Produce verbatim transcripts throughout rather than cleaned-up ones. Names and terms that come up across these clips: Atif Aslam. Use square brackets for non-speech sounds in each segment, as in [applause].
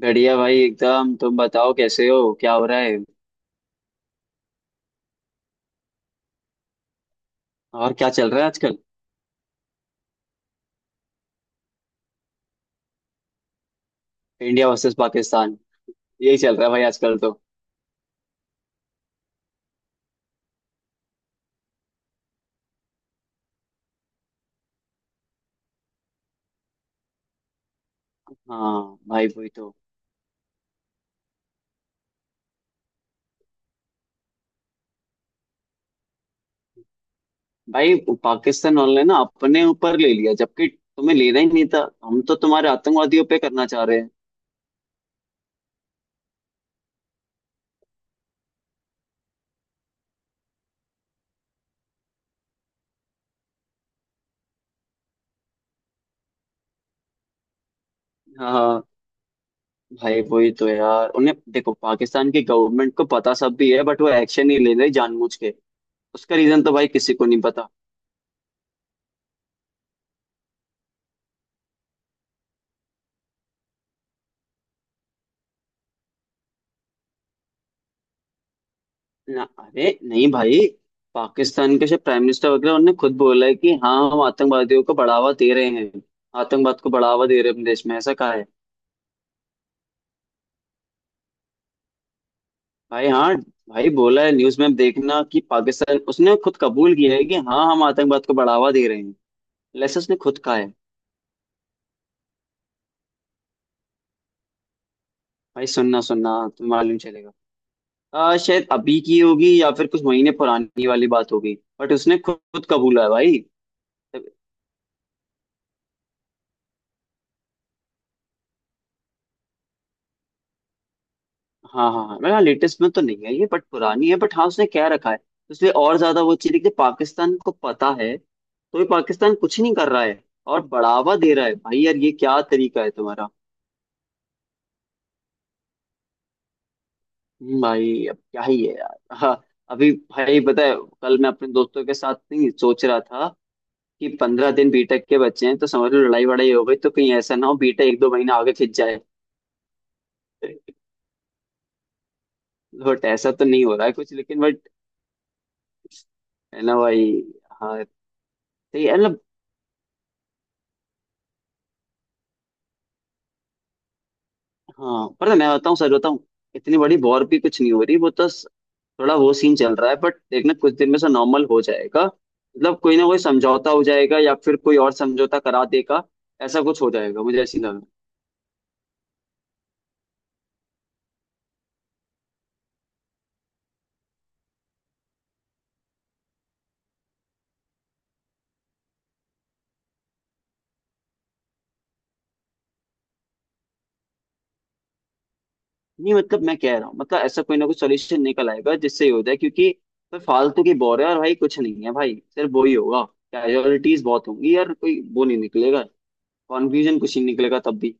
बढ़िया भाई एकदम। तुम बताओ कैसे हो, क्या हो रहा है? और क्या चल रहा है आजकल? इंडिया वर्सेस पाकिस्तान, यही चल रहा है भाई आजकल तो। हाँ भाई, वही तो। भाई पाकिस्तान वाले ना अपने ऊपर ले लिया, जबकि तुम्हें लेना ही नहीं था। हम तो तुम्हारे आतंकवादियों पे करना चाह रहे हैं। हाँ भाई, वही तो यार। उन्हें देखो, पाकिस्तान की गवर्नमेंट को पता सब भी है, बट वो एक्शन नहीं ले रही जानबूझ के। उसका रीजन तो भाई किसी को नहीं पता। ना, अरे नहीं भाई। पाकिस्तान के प्राइम मिनिस्टर वगैरह उन्होंने खुद बोला है कि हाँ हम आतंकवादियों को बढ़ावा दे रहे हैं, आतंकवाद को बढ़ावा दे रहे हैं अपने देश में, ऐसा कहा है। भाई हाँ, भाई बोला है न्यूज में। आप देखना कि पाकिस्तान उसने खुद कबूल किया है कि हाँ हम आतंकवाद को बढ़ावा दे रहे हैं, लेकिन उसने खुद कहा है। भाई सुनना सुनना, तुम्हें मालूम चलेगा। आ, शायद अभी की होगी या फिर कुछ महीने पुरानी वाली बात होगी। बट उसने खुद खुद कबूला है भाई। हाँ हाँ हाँ, मेरा लेटेस्ट में तो नहीं है ये, बट पुरानी है। बट हाँ उसने क्या रखा है, इसलिए और ज्यादा वो चीज है कि पाकिस्तान को पता है तो भी पाकिस्तान कुछ नहीं कर रहा है, और बढ़ावा दे रहा है। भाई यार, ये क्या तरीका है तुम्हारा? हम्म, भाई अब क्या ही है यार। हाँ, अभी भाई पता है, कल मैं अपने दोस्तों के साथ नहीं सोच रहा था कि पंद्रह दिन बीटेक के बच्चे हैं, तो समझ लो लड़ाई वड़ाई हो गई तो कहीं ऐसा ना हो बीटेक एक दो महीना आगे खिंच जाए। बट ऐसा तो नहीं हो रहा है कुछ, लेकिन बट है ना भाई। हाँ तो ये- मतलब, हाँ पर मैं बताऊँ, सच बताऊँ, इतनी बड़ी वॉर भी कुछ नहीं हो रही। वो तो स- थोड़ा वो सीन चल रहा है, बट देखना कुछ दिन में से नॉर्मल हो जाएगा। मतलब कोई ना कोई समझौता हो जाएगा, या फिर कोई और समझौता करा देगा। ऐसा कुछ हो जाएगा, मुझे ऐसी लग रहा है। नहीं मतलब मैं कह रहा हूँ, मतलब ऐसा कोई ना कोई सोल्यूशन निकल आएगा जिससे ये हो जाए। क्योंकि तो फालतू की वॉर है और भाई कुछ नहीं है भाई, सिर्फ वो ही होगा। कैजुअलिटीज बहुत होंगी यार, कोई वो नहीं निकलेगा, कॉन्फ्यूजन कुछ नहीं निकलेगा तब भी।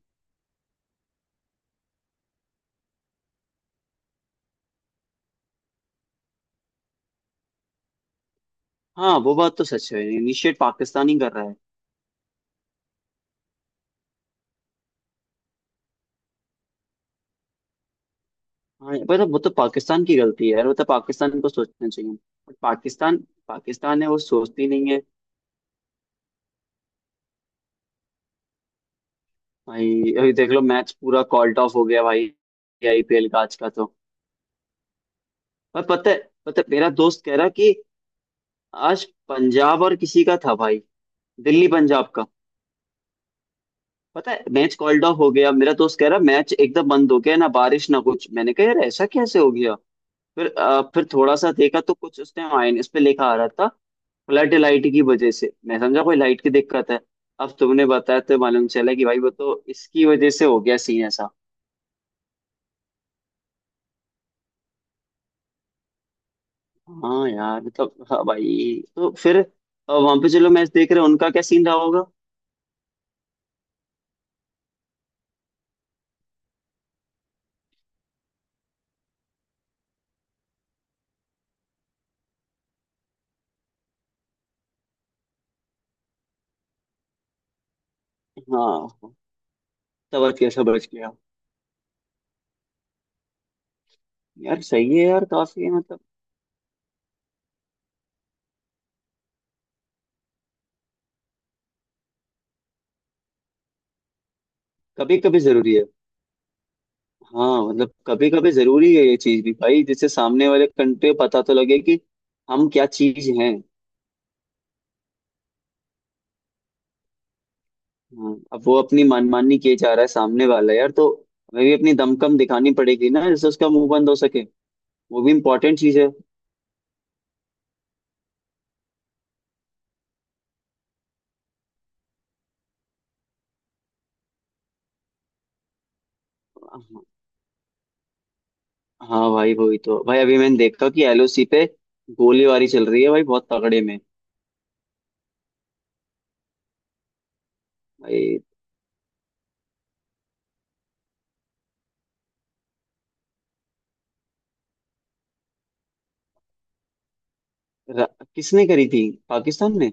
हाँ वो बात तो सच है, इनिशिएट पाकिस्तान ही कर रहा है। हाँ पर वो तो पाकिस्तान की गलती है यार, वो तो पाकिस्तान को सोचना चाहिए। बट पाकिस्तान, पाकिस्तान है, वो सोचती नहीं है। भाई अभी देख लो मैच पूरा कॉल्ड ऑफ हो गया भाई, आईपीएल का आज का तो। पर पता है, पता है मेरा दोस्त कह रहा कि आज पंजाब और किसी का था भाई, दिल्ली पंजाब का। पता है मैच कॉल्ड ऑफ हो गया, मेरा दोस्त कह रहा मैच एकदम बंद हो गया ना, बारिश ना कुछ। मैंने कहा यार ऐसा कैसे हो गया? फिर अ, फिर थोड़ा सा देखा तो कुछ उसने माइनस पे लिखा आ रहा था, फ्लड लाइट की वजह से। मैं समझा कोई लाइट की दिक्कत है। अब तुमने बताया तो मालूम चला कि भाई वो तो इसकी वजह से हो गया सीन ऐसा। हाँ यार मतलब, हाँ भाई, तो फिर वहां पे चलो मैच देख रहे हैं, उनका क्या सीन रहा होगा? हाँ, तब कैसा बच गया? यार सही है यार, काफी मतलब कभी कभी जरूरी है। हाँ मतलब कभी कभी जरूरी है ये चीज भी भाई, जिससे सामने वाले कंट्री को पता तो लगे कि हम क्या चीज हैं। हाँ, अब वो अपनी मनमानी किए जा रहा है सामने वाला यार, तो हमें भी अपनी दमकम दिखानी पड़ेगी ना, जिससे उसका मुंह बंद हो सके। वो भी इम्पोर्टेंट चीज है। हाँ भाई वही तो, भाई अभी मैंने देखा कि एलओसी पे गोलीबारी चल रही है भाई बहुत तगड़े में। भाई र- किसने करी थी? पाकिस्तान ने?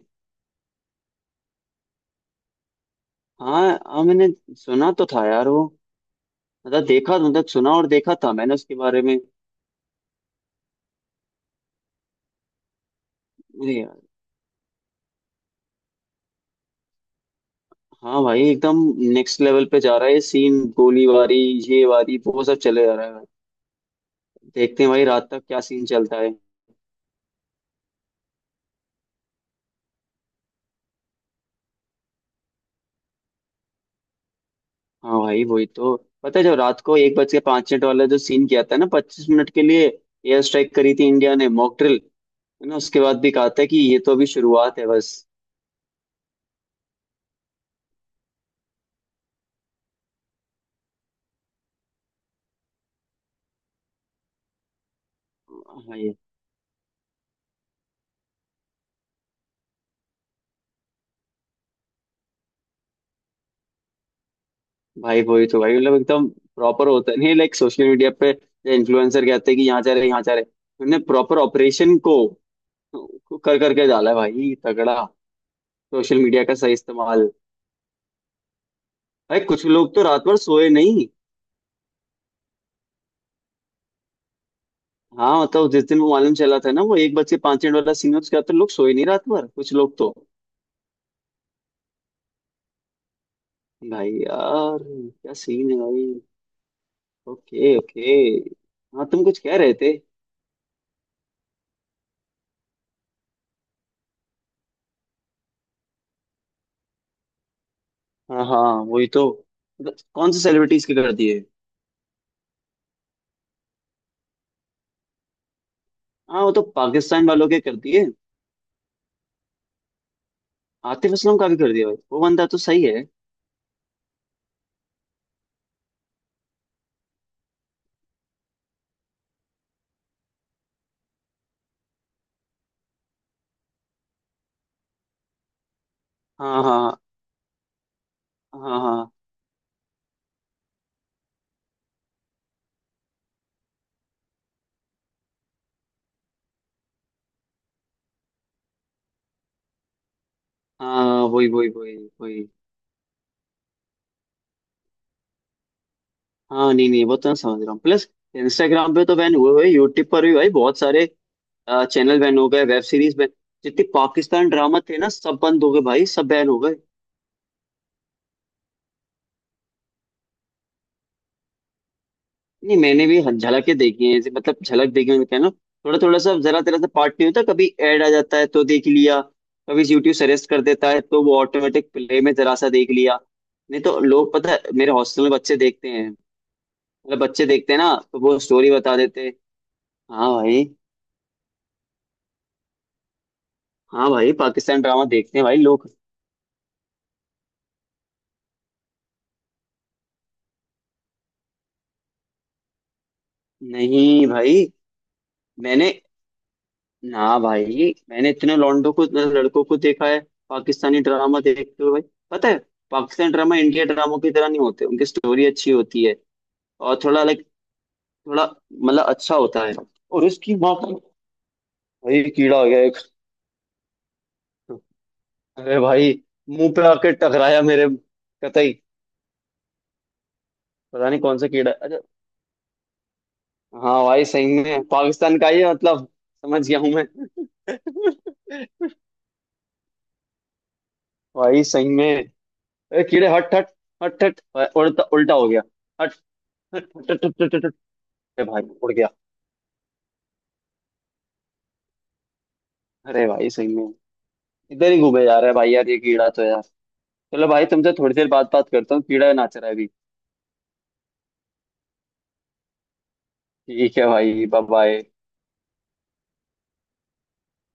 हाँ हाँ, मैंने सुना तो था यार वो, मतलब देखा, मतलब सुना और देखा था मैंने उसके बारे में। अरे यार, हाँ भाई एकदम नेक्स्ट लेवल पे जा रहा है सीन। गोलीबारी ये वारी वो सब चले जा रहा है। देखते हैं भाई रात तक क्या सीन चलता है। हाँ भाई वही तो। पता है जब रात को एक बज के पाँच मिनट वाला जो सीन किया था ना, पच्चीस मिनट के लिए एयर स्ट्राइक करी थी इंडिया ने, मॉक ड्रिल। है ना? उसके बाद भी कहा था कि ये तो अभी शुरुआत है बस। भाई भाई वही तो भाई, मतलब एकदम प्रॉपर होता है। नहीं लाइक, सोशल मीडिया पे इन्फ्लुएंसर कहते हैं कि यहाँ जा रहे यहाँ जा रहे। उन्होंने प्रॉपर ऑपरेशन को को कर करके डाला है भाई तगड़ा। सोशल मीडिया का सही इस्तेमाल। भाई कुछ लोग तो रात भर सोए नहीं। हाँ मतलब जिस दिन वो मालूम चला था ना, वो एक बज के पांच मिनट वाला सीन, उसके बाद तो लोग सोए नहीं रात भर, कुछ लोग तो। भाई यार क्या सीन है भाई। Okay okay. हाँ तुम कुछ कह रहे थे? हाँ हाँ वही तो, मतलब कौन से सेलिब्रिटीज के कर दिए? हाँ वो तो पाकिस्तान वालों के कर दिए। आतिफ असलम का भी कर दिया भाई, वो बंदा तो सही है। हाँ हाँ हाँ हाँ हाँ, वही वही वही वही। हाँ नहीं नहीं, वो तो मैं समझ रहा हूँ। प्लस इंस्टाग्राम पे तो बैन हुए हुए, यूट्यूब पर भी भाई बहुत सारे अ, चैनल बैन हो गए, वेब सीरीज बैन। जितने पाकिस्तान ड्रामा थे ना, सब बंद हो गए भाई, सब बैन हो गए। नहीं मैंने भी हं- झलकें देखी हैं ऐसे, मतलब झलक देखी है कहना। थोड़ा थोड़ा सा जरा तेरा सा पार्ट, नहीं होता, कभी ऐड आ जाता है तो देख लिया। कभी यूट्यूब सजेस्ट कर देता है तो वो ऑटोमेटिक प्ले में जरा सा देख लिया। नहीं तो लोग, पता है मेरे हॉस्टल में बच्चे देखते हैं। मतलब बच्चे देखते हैं ना, तो वो स्टोरी बता देते हैं। हाँ भाई। हाँ भाई पाकिस्तान ड्रामा देखते हैं भाई लोग। नहीं भाई मैंने, हाँ भाई मैंने इतने लौंडों को, लड़कों को देखा है पाकिस्तानी ड्रामा देखते हुए। पता है पाकिस्तान ड्रामा इंडिया ड्रामों की तरह नहीं होते, उनकी स्टोरी अच्छी होती है। और थोड़ा लाइक, थोड़ा मतलब अच्छा होता है। और इसकी माँ का, भाई कीड़ा हो गया एक। अरे भाई, मुंह पे आके टकराया मेरे, कतई। पता नहीं कौन सा कीड़ा है। अच्छा हाँ भाई सही में पाकिस्तान का ही है, मतलब समझ गया हूँ मैं। [laughs] भाई सही में, अरे कीड़े हट हट, हट हट, उल्टा उल्टा हो गया, हट। अरे भाई उड़ गया। अरे भाई सही में, इधर ही घूमे जा रहा है भाई यार ये कीड़ा तो यार। चलो भाई, तुमसे थोड़ी देर बाद बात करता हूँ, कीड़ा नाच रहा है अभी। ठीक है भाई, बाय बाय।